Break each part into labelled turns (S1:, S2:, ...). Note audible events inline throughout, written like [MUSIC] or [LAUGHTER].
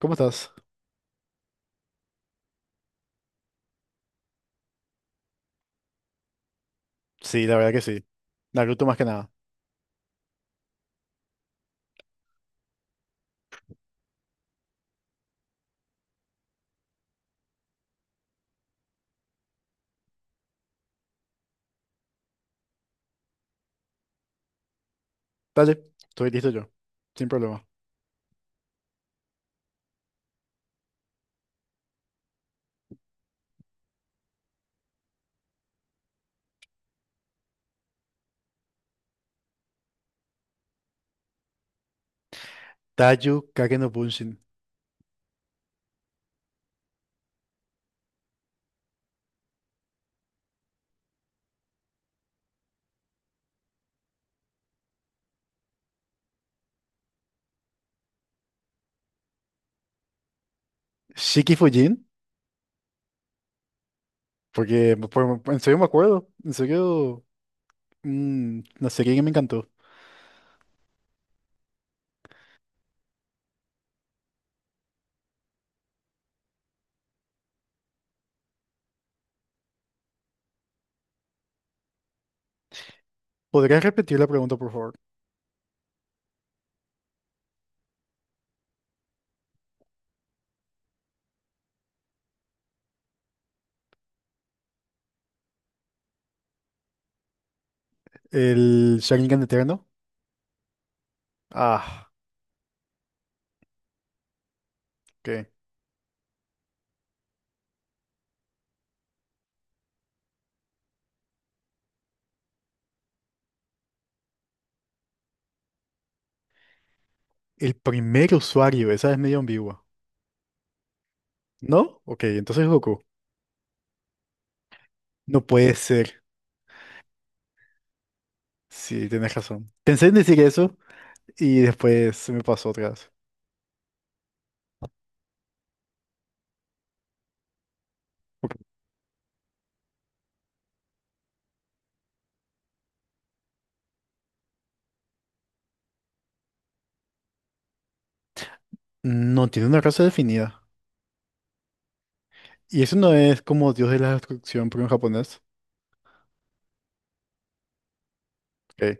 S1: ¿Cómo estás? Sí, la verdad que sí. Naruto más que nada. Dale, estoy listo yo. Sin problema. Taiyu Kake no Bunshin. Shiki Fujin. En serio me acuerdo. En serio, una serie que me encantó. ¿Podrías repetir la pregunta, por favor? ¿El Sharingan Eterno? Ah, ok. El primer usuario, esa es medio ambigua. ¿No? Ok, entonces Goku. No puede ser. Sí, tienes razón. Pensé en decir eso y después se me pasó otra vez. Ok. No tiene una raza definida. Y eso no es como Dios de la Destrucción, pero en japonés. Ok,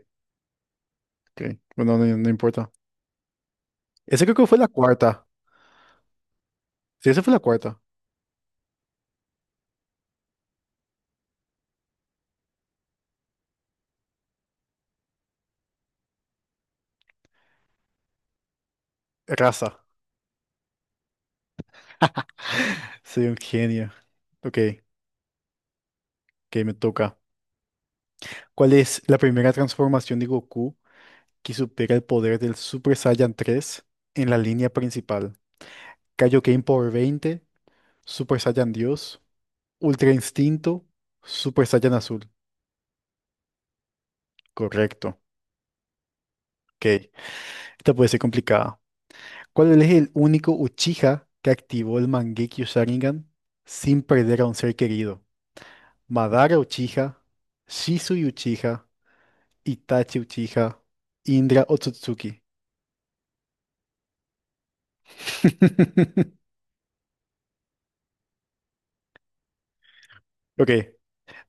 S1: ok. Bueno, no, no importa. Ese creo que fue la cuarta. Sí, esa fue la cuarta. Raza. [LAUGHS] Soy un genio. Ok, que me toca. ¿Cuál es la primera transformación de Goku que supera el poder del Super Saiyan 3 en la línea principal? Kaioken por 20, Super Saiyan Dios, Ultra Instinto, Super Saiyan Azul. Correcto. Ok, esta puede ser complicada. ¿Cuál es el único Uchiha que activó el Mangekyo Sharingan sin perder a un ser querido? Madara Uchiha, Shisui Uchiha, Itachi Uchiha, Indra Otsutsuki. [LAUGHS] Ok,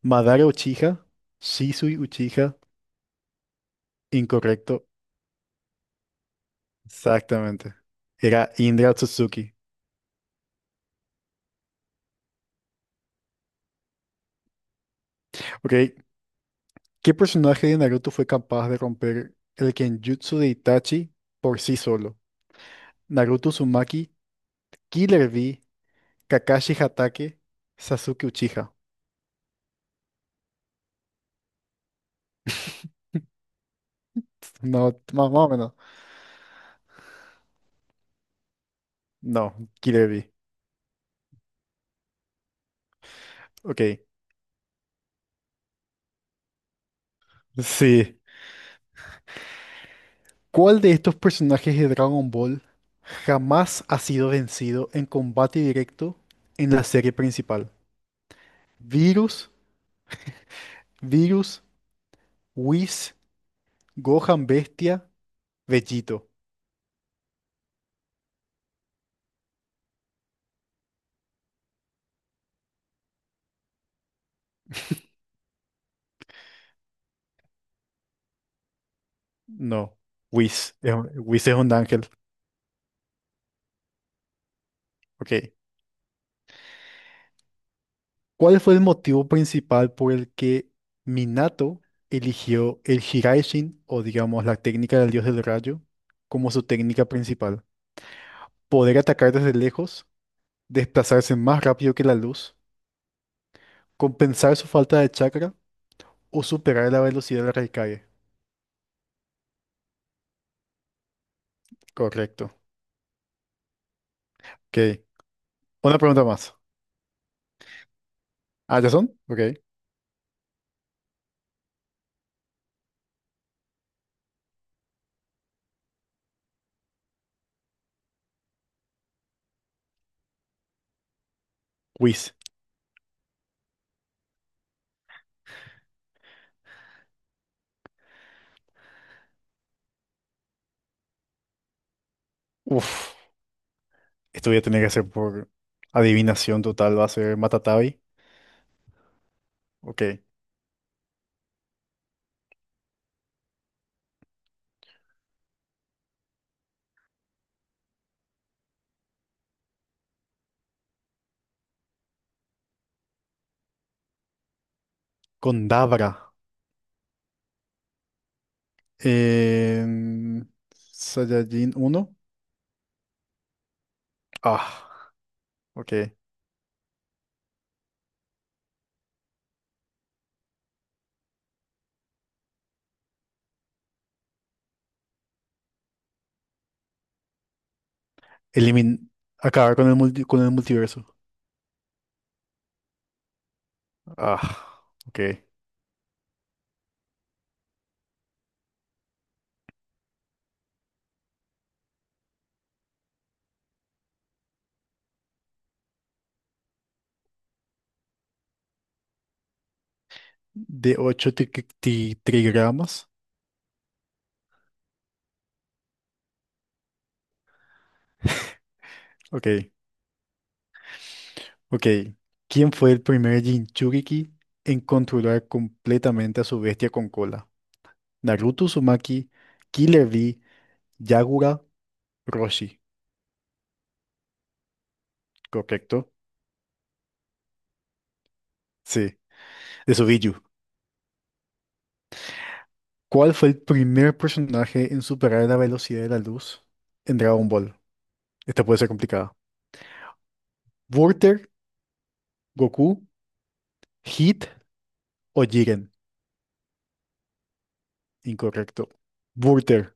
S1: Madara Uchiha, Shisui Uchiha, incorrecto, exactamente. Era Indra Otsutsuki. Ok, ¿qué personaje de Naruto fue capaz de romper el Kenjutsu de Itachi por sí solo? Naruto Uzumaki, Killer V, Kakashi Hatake, Sasuke Uchiha. No, más, más o menos. No, Kirebi. Ok. Sí. ¿Cuál de estos personajes de Dragon Ball jamás ha sido vencido en combate directo en la serie principal? Virus, Virus, Whis, Gohan Bestia, Vegito. No, Whis. Whis es un ángel. Ok. ¿Cuál fue el motivo principal por el que Minato eligió el Hiraishin, o digamos la técnica del dios del rayo, como su técnica principal? Poder atacar desde lejos, desplazarse más rápido que la luz, compensar su falta de chakra o superar la velocidad de la Raikage. Correcto. Ok. Una pregunta más. ¿Ah, ya son? Ok. Whis. Uf. Esto voy a tener que hacer por adivinación total. Va a ser Matatabi. Ok. Dabra. Em, Saiyajin uno, Ah, ok. Elimin acabar con el multiverso. Ah, ok. De ocho trigramas. Ok. Ok. ¿Quién fue el primer Jinchuriki en controlar completamente a su bestia con cola? Naruto Uzumaki, Killer Bee, Yagura, Roshi. Correcto. Sí, de Subiyu. ¿Cuál fue el primer personaje en superar la velocidad de la luz en Dragon Ball? Esta puede ser complicada. Wurter, Goku, Hit o Jiren. Incorrecto. Wurter.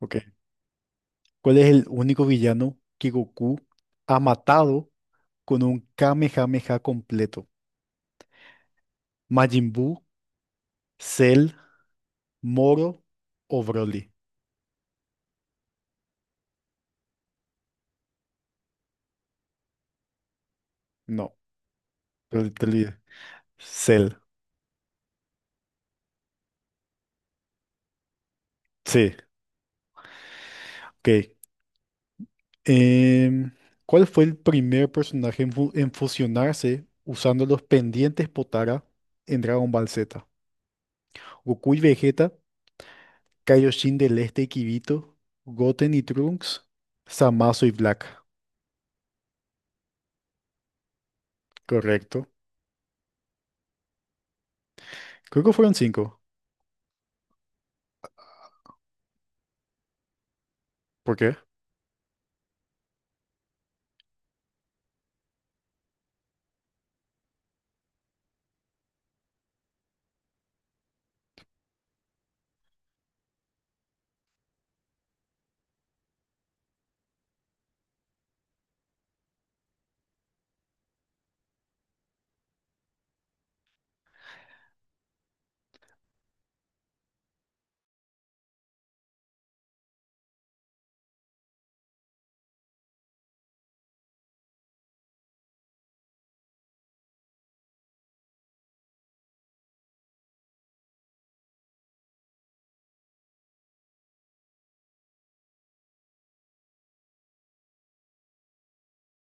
S1: Ok. ¿Cuál es el único villano que Goku ha matado con un Kamehameha completo? ¿Majin Buu, Cell, Moro o Broly? No, te olvidé. Cell. Sí. Ok. Em, ¿cuál fue el primer personaje en fusionarse usando los pendientes Potara en Dragon Ball Z? ¿Goku y Vegeta? Kaioshin del Este y Kibito, Goten y Trunks, Zamasu y Black. Correcto. Creo que fueron cinco. ¿Por qué?